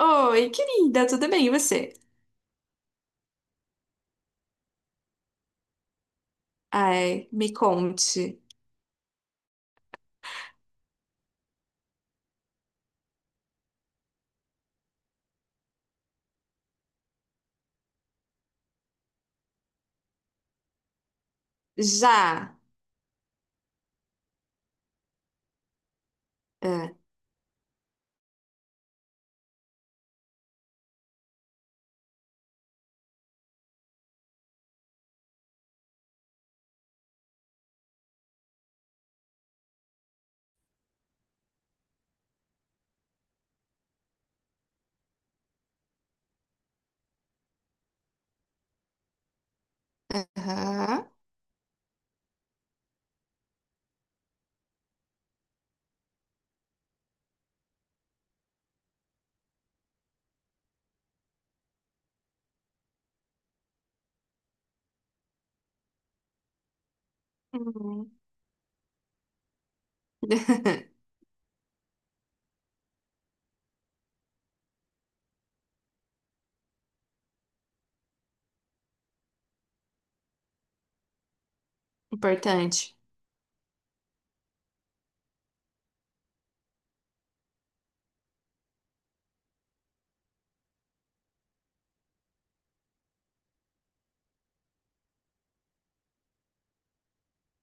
Oi, querida, tudo bem? E você? Ai, me conte. Já. É. Aham. Uhum. Importante.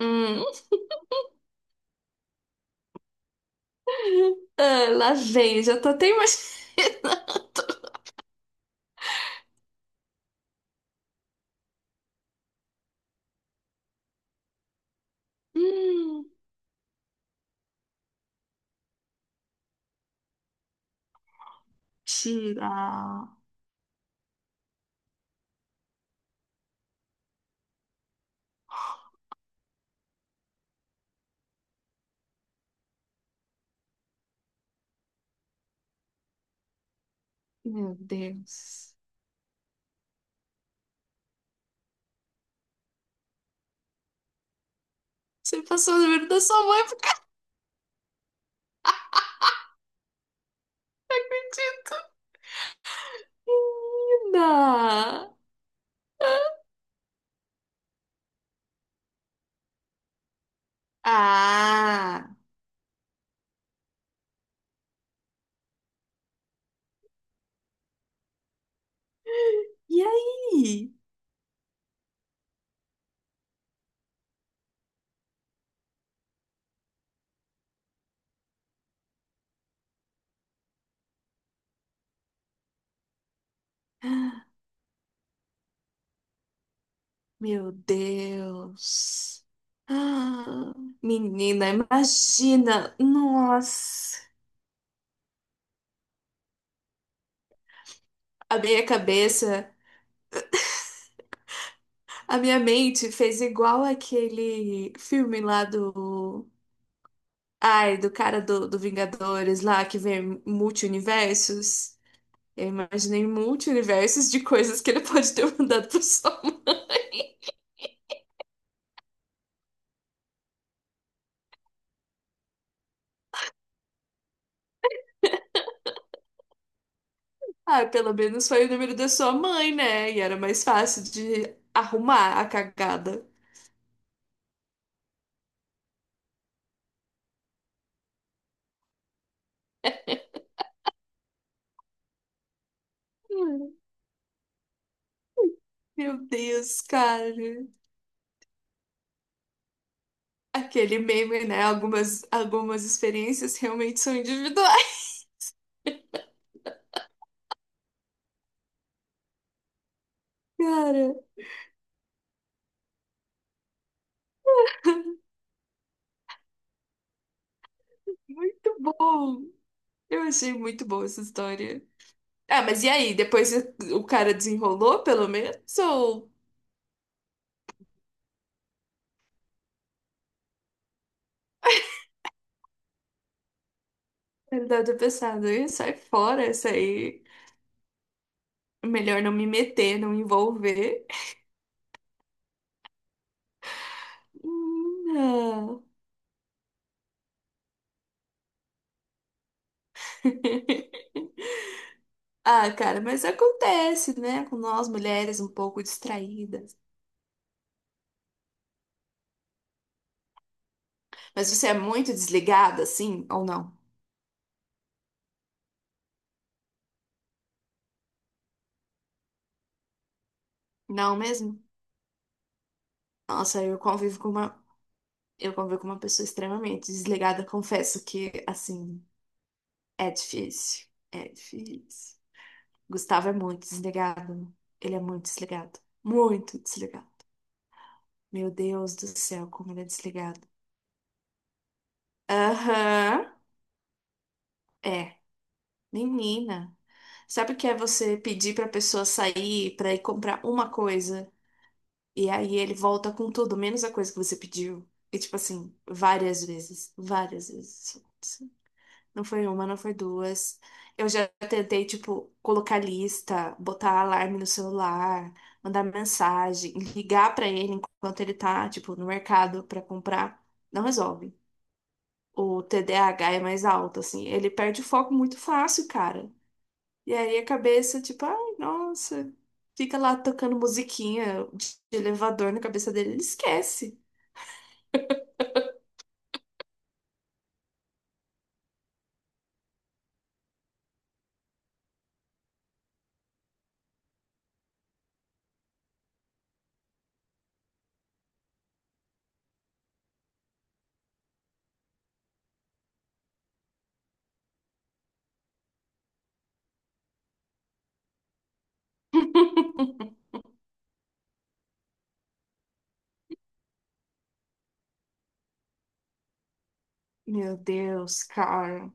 Hum. Ah, lá vem, já tô até imaginando. Hum. Tira. Meu Deus. Você passou o número da sua mãe porque não acredito. Menina. Ah. Ah. E aí? Meu Deus. Ah, menina, imagina. Nossa. A minha cabeça, a minha mente fez igual aquele filme lá do. Ai, do cara do, do Vingadores lá que vê multi-universos. Eu imaginei multi-universos de coisas que ele pode ter mandado pra sua mãe. Ah, pelo menos foi o número da sua mãe, né? E era mais fácil de arrumar a cagada. Meu Deus, cara. Aquele meme, né? Algumas experiências realmente são individuais. Cara, muito bom. Eu achei muito boa essa história. Ah, mas e aí? Depois o cara desenrolou, pelo menos? Ou ele deve ter pensado, "Ih, sai fora essa aí. Melhor não me meter, não me envolver. Não. Ah, cara, mas acontece, né? Com nós mulheres um pouco distraídas. Mas você é muito desligada, assim, ou não? Não mesmo? Nossa, eu convivo com uma pessoa extremamente desligada, confesso que, assim, é difícil. É difícil. Gustavo é muito desligado. Ele é muito desligado. Muito desligado. Meu Deus do céu, como ele é desligado. Aham. É. Menina. Sabe o que é você pedir pra pessoa sair pra ir comprar uma coisa? E aí ele volta com tudo, menos a coisa que você pediu. E tipo assim, várias vezes, várias vezes. Não foi uma, não foi duas. Eu já tentei, tipo, colocar lista, botar alarme no celular, mandar mensagem, ligar pra ele enquanto ele tá, tipo, no mercado pra comprar. Não resolve. O TDAH é mais alto, assim. Ele perde o foco muito fácil, cara. E aí a cabeça, tipo, ai, nossa, fica lá tocando musiquinha de elevador na cabeça dele, ele esquece. Meu Deus, cara.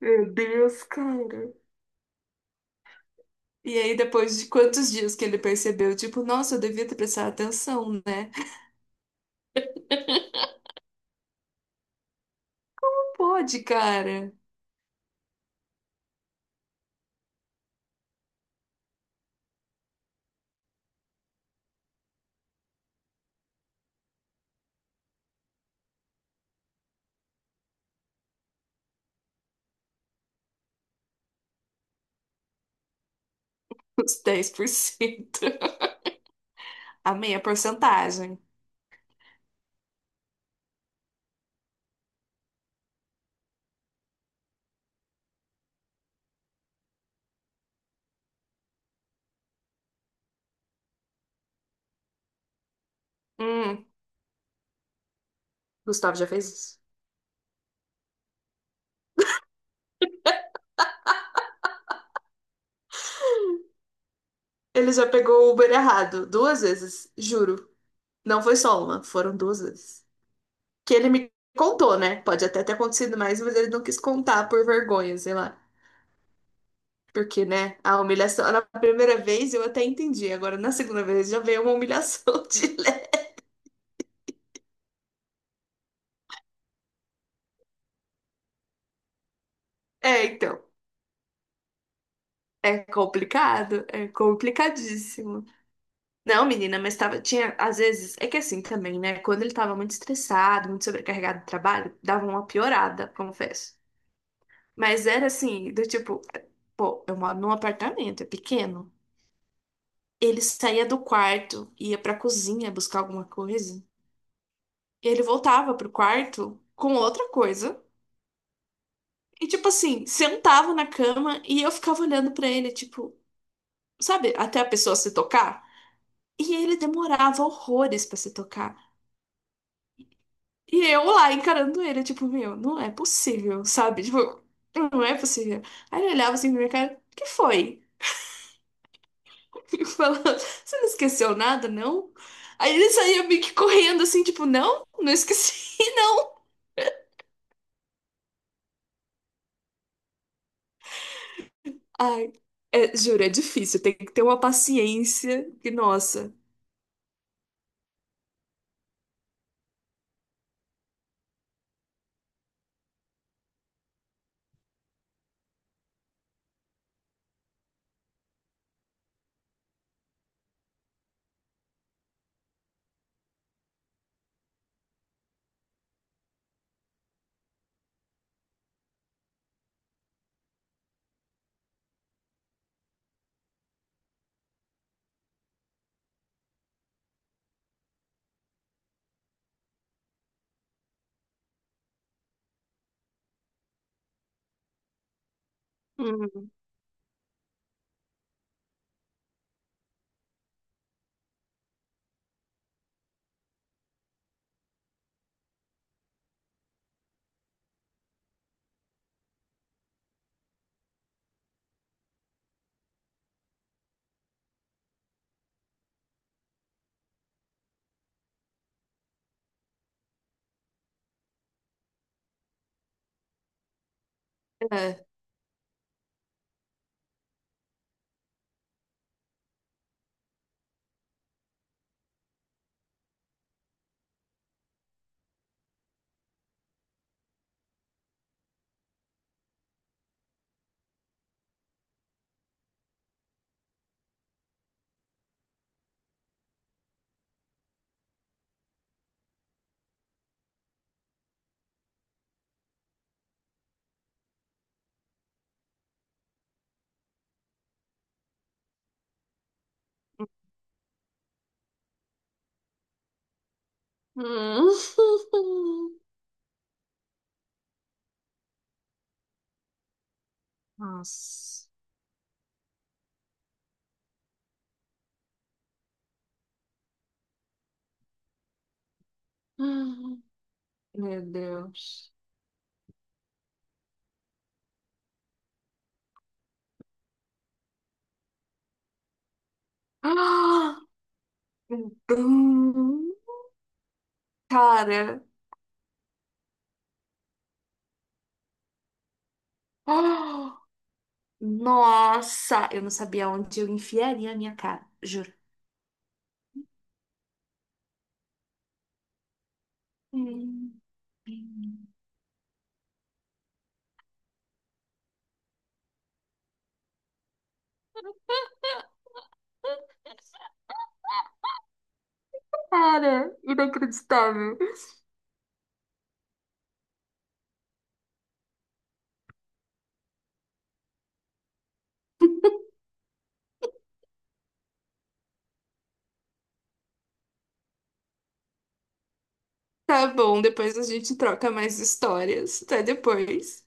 Meu Deus, cara. E aí, depois de quantos dias que ele percebeu, tipo, nossa, eu devia ter prestado atenção, né? Pode, cara. Os cento. A meia porcentagem. Hum, Gustavo já fez isso. Ele já pegou o Uber errado duas vezes, juro. Não foi só uma, foram duas vezes. Que ele me contou, né? Pode até ter acontecido mais, mas ele não quis contar por vergonha, sei lá. Porque, né, a humilhação, na primeira vez eu até entendi, agora na segunda vez já veio uma humilhação de leve. É, então, é complicado, é complicadíssimo. Não, menina, mas tava, tinha, às vezes, é que assim também, né, quando ele tava muito estressado, muito sobrecarregado de trabalho, dava uma piorada, confesso. Mas era assim, do tipo, pô, eu moro num apartamento, é pequeno. Ele saía do quarto, ia pra cozinha buscar alguma coisa, e ele voltava pro quarto com outra coisa. E tipo assim, sentava na cama e eu ficava olhando pra ele, tipo, sabe, até a pessoa se tocar. E ele demorava horrores pra se tocar. E eu lá encarando ele, tipo, meu, não é possível, sabe? Tipo, não é possível. Aí ele olhava assim pra minha cara, o que foi? Eu, você não esqueceu nada, não? Aí ele saía meio que correndo assim, tipo, não, não esqueci, não. Ai, é, juro, é difícil. Tem que ter uma paciência que, nossa. Hum. É, hum. Nossa. Hum. Meu Deus. Ah! Hum, cara, ah! Nossa, eu não sabia onde eu enfiaria a minha cara, juro. Hum. Cara, inacreditável. Tá bom, depois a gente troca mais histórias. Até depois.